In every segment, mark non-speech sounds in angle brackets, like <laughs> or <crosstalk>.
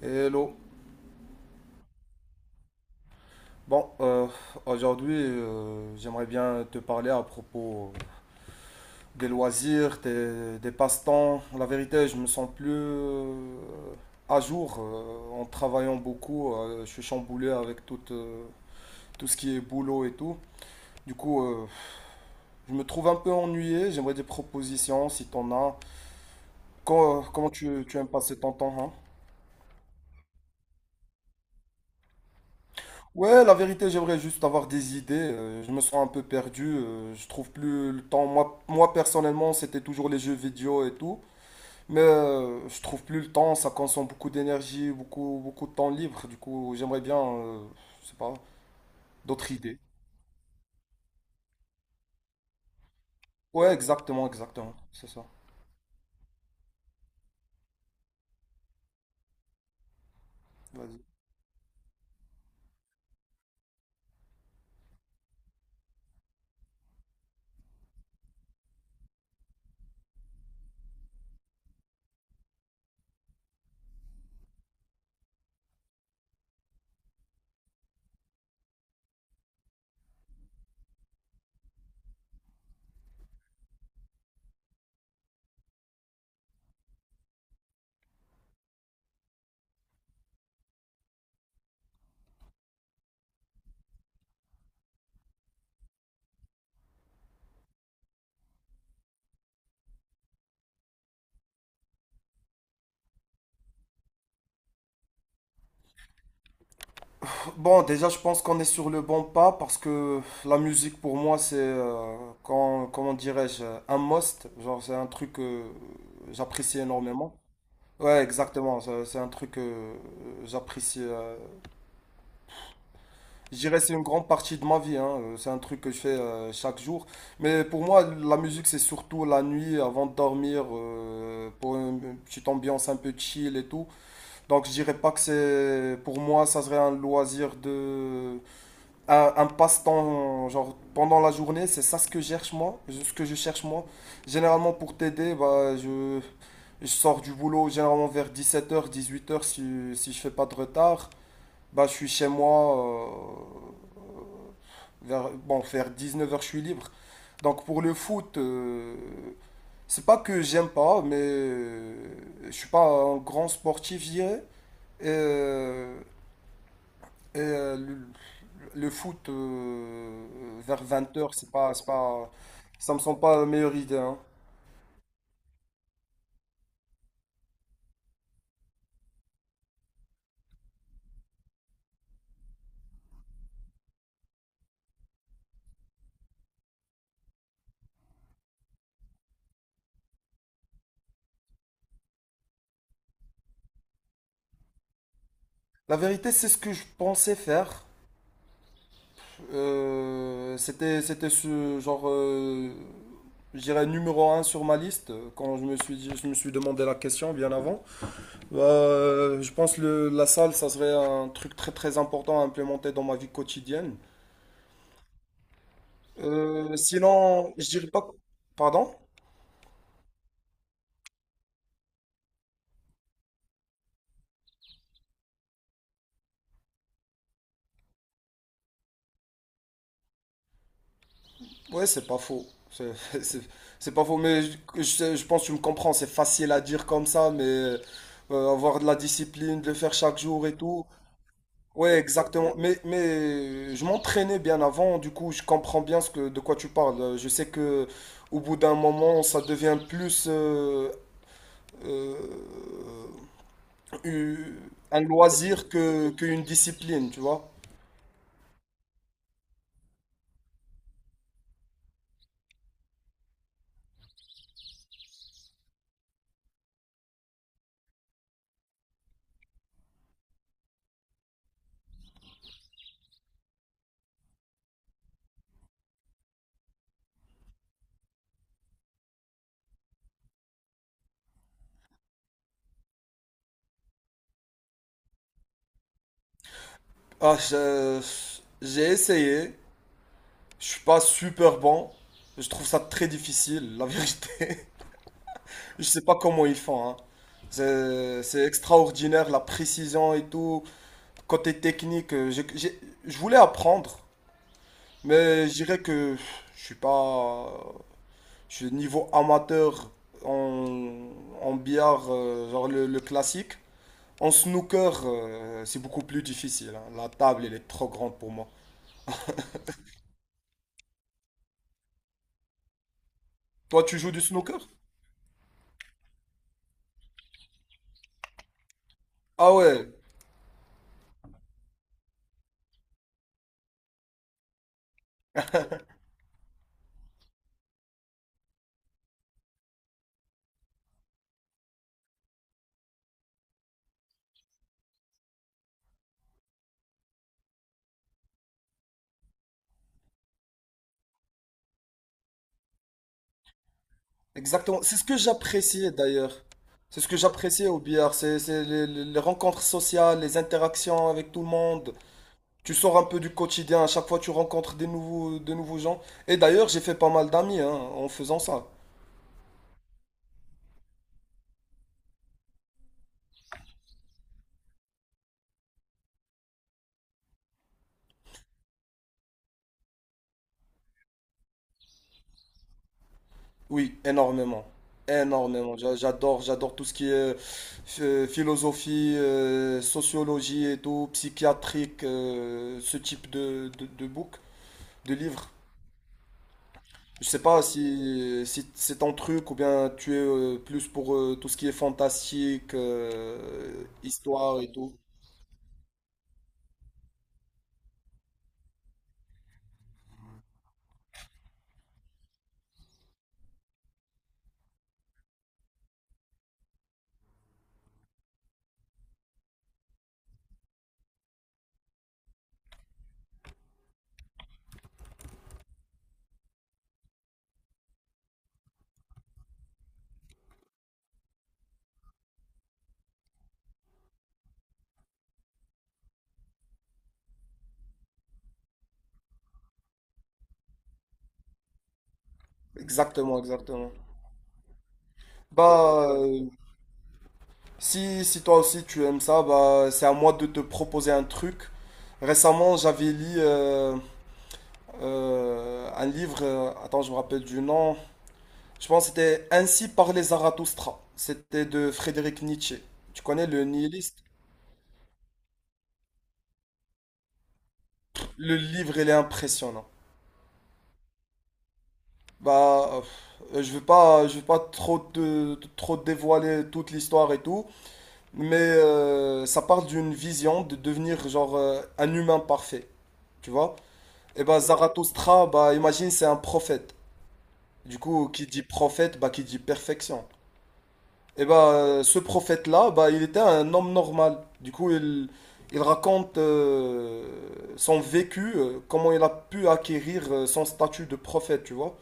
Hello. Bon, aujourd'hui, j'aimerais bien te parler à propos des loisirs, des passe-temps. La vérité, je me sens plus à jour en travaillant beaucoup. Je suis chamboulé avec tout, tout ce qui est boulot et tout. Du coup, je me trouve un peu ennuyé. J'aimerais des propositions si t'en as. Comment tu aimes passer ton temps, hein. Ouais, la vérité, j'aimerais juste avoir des idées. Je me sens un peu perdu. Je trouve plus le temps. Moi personnellement, c'était toujours les jeux vidéo et tout. Mais je trouve plus le temps. Ça consomme beaucoup d'énergie, beaucoup, beaucoup de temps libre. Du coup, j'aimerais bien, je sais pas, d'autres idées. Ouais, exactement, exactement. C'est ça. Vas-y. Bon, déjà, je pense qu'on est sur le bon pas parce que la musique pour moi, c'est, comment dirais-je, un must. Genre, c'est un truc que j'apprécie énormément. Ouais, exactement. C'est un truc que j'apprécie. Je dirais que c'est une grande partie de ma vie. Hein, c'est un truc que je fais chaque jour. Mais pour moi, la musique, c'est surtout la nuit avant de dormir, pour une petite ambiance un peu chill et tout. Donc, je dirais pas que c'est. Pour moi, ça serait un loisir de. Un passe-temps, genre pendant la journée. C'est ça ce que je cherche moi. Ce que je cherche moi. Généralement, pour t'aider, bah, je. Je sors du boulot généralement vers 17 heures, 18 heures si je fais pas de retard. Bah, je suis chez moi vers, bon, vers 19 heures je suis libre. Donc pour le foot, c'est pas que j'aime pas, mais je suis pas un grand sportif, je dirais. Et, euh, et, euh, le, le foot vers 20 heures c'est pas, ça me semble pas la meilleure idée. Hein. La vérité, c'est ce que je pensais faire. C'était ce genre, je dirais numéro un sur ma liste quand je me suis, je me suis demandé la question bien avant. Je pense que la salle, ça serait un truc très très important à implémenter dans ma vie quotidienne. Sinon, je dirais pas. Pardon? Ouais, c'est pas faux. C'est <laughs> c'est- c'est pas faux, mais je pense que tu me comprends. C'est facile à dire comme ça, mais avoir de la discipline, de le faire chaque jour et tout. Ouais, exactement. Mais je m'entraînais bien avant, du coup, je comprends bien de quoi tu parles. Je sais que au bout d'un moment, ça devient plus euh, eu- un loisir qu'une discipline, tu vois. Ah, j'ai essayé. Je suis pas super bon. Je trouve ça très difficile, la vérité. <laughs> Je sais pas comment ils font, hein. C'est extraordinaire, la précision et tout. Côté technique, je voulais apprendre. Mais je dirais que je suis pas. Je suis niveau amateur en, en billard, genre le classique. En snooker, c'est beaucoup plus difficile. Hein. La table, elle est trop grande pour moi. Toi, tu joues du snooker? Ah ouais, exactement. C'est ce que j'appréciais d'ailleurs. C'est ce que j'appréciais au billard. C'est les rencontres sociales, les interactions avec tout le monde. Tu sors un peu du quotidien. À chaque fois, tu rencontres de nouveaux gens. Et d'ailleurs, j'ai fait pas mal d'amis hein, en faisant ça. Oui, énormément. Énormément. J'adore, j'adore tout ce qui est philosophie, sociologie et tout, psychiatrique, ce type de book, de livre. Je sais pas si, si c'est ton truc ou bien tu es plus pour tout ce qui est fantastique, histoire et tout. Exactement, exactement. Bah, si, si toi aussi tu aimes ça, bah, c'est à moi de te proposer un truc. Récemment, j'avais lu. Un livre, attends, je me rappelle du nom. Je pense que c'était Ainsi parlait Zarathoustra. C'était de Frédéric Nietzsche. Tu connais le nihiliste? Le livre, il est impressionnant. Bah, je veux pas trop te, trop te dévoiler toute l'histoire et tout, mais ça parle d'une vision de devenir genre un humain parfait. Tu vois? Et bah Zarathoustra, bah imagine c'est un prophète. Du coup, qui dit prophète, bah qui dit perfection. Et ben ce prophète-là, bah, il était un homme normal. Du coup, il raconte son vécu, comment il a pu acquérir son statut de prophète, tu vois.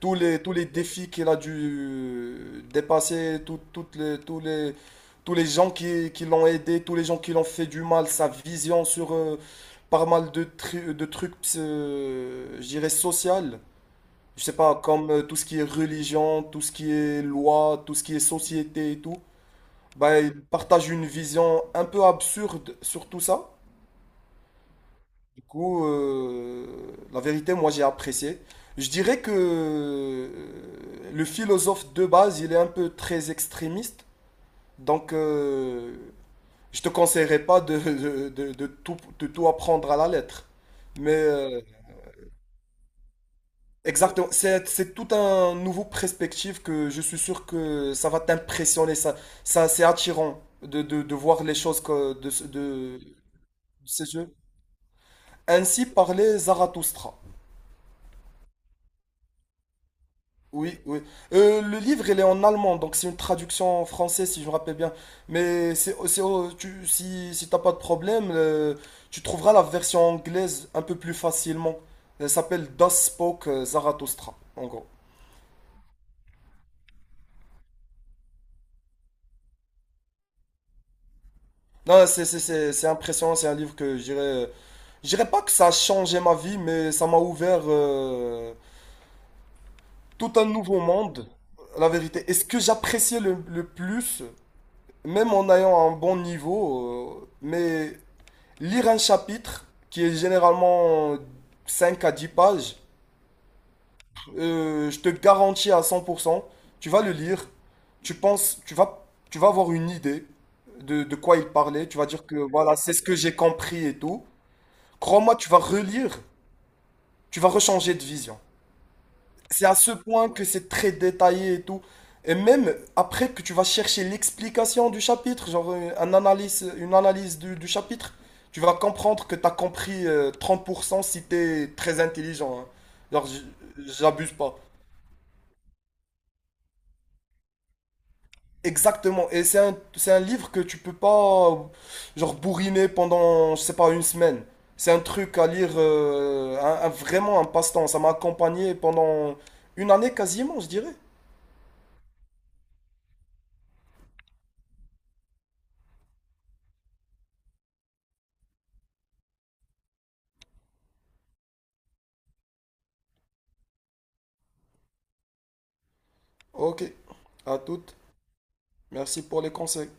Tous les défis qu'il a dû dépasser, tout- toutes les, tous les, tous les gens qui l'ont aidé, tous les gens qui l'ont fait du mal, sa vision sur pas mal de, de trucs, je dirais, social. Je sais pas, comme tout ce qui est religion, tout ce qui est loi, tout ce qui est société et tout. Bah, il partage une vision un peu absurde sur tout ça. Du coup, la vérité, moi, j'ai apprécié. Je dirais que le philosophe de base, il est un peu très extrémiste. Donc, je te conseillerais pas de tout, de tout apprendre à la lettre. Mais exactement, c'est tout un nouveau perspective que je suis sûr que ça va t'impressionner. Ça, c'est attirant de voir les choses que, de, ce- de, ces Ainsi parlait Zarathustra. Oui, oui. Le livre, il est en allemand, donc c'est une traduction en français, si je me rappelle bien. Mais oh, tu, si, si t'as pas de problème, tu trouveras la version anglaise un peu plus facilement. Elle s'appelle Das Spoke Zarathustra, en gros. Non, c'est impressionnant, c'est un livre que je dirais… Je dirais pas que ça a changé ma vie, mais ça m'a ouvert tout un nouveau monde, la vérité. Et ce que j'appréciais le plus… même en ayant un bon niveau, mais lire un chapitre qui est généralement 5 à 10 pages, je te garantis à 100%, tu vas le lire, tu penses, tu vas, tu vas avoir une idée de quoi il parlait, tu vas dire que voilà, c'est ce que j'ai compris et tout. Crois-moi, tu vas relire, tu vas rechanger de vision. C'est à ce point que c'est très détaillé et tout. Et même après que tu vas chercher l'explication du chapitre, genre une analyse du chapitre, tu vas comprendre que tu as compris 30% si tu es très intelligent. Hein. Genre, j'abuse pas. Exactement. Et c'est un livre que tu peux pas, genre, bourriner pendant, je sais pas, une semaine. C'est un truc à lire, vraiment un passe-temps. Ça m'a accompagné pendant une année quasiment, je dirais. Ok, à toute. Merci pour les conseils.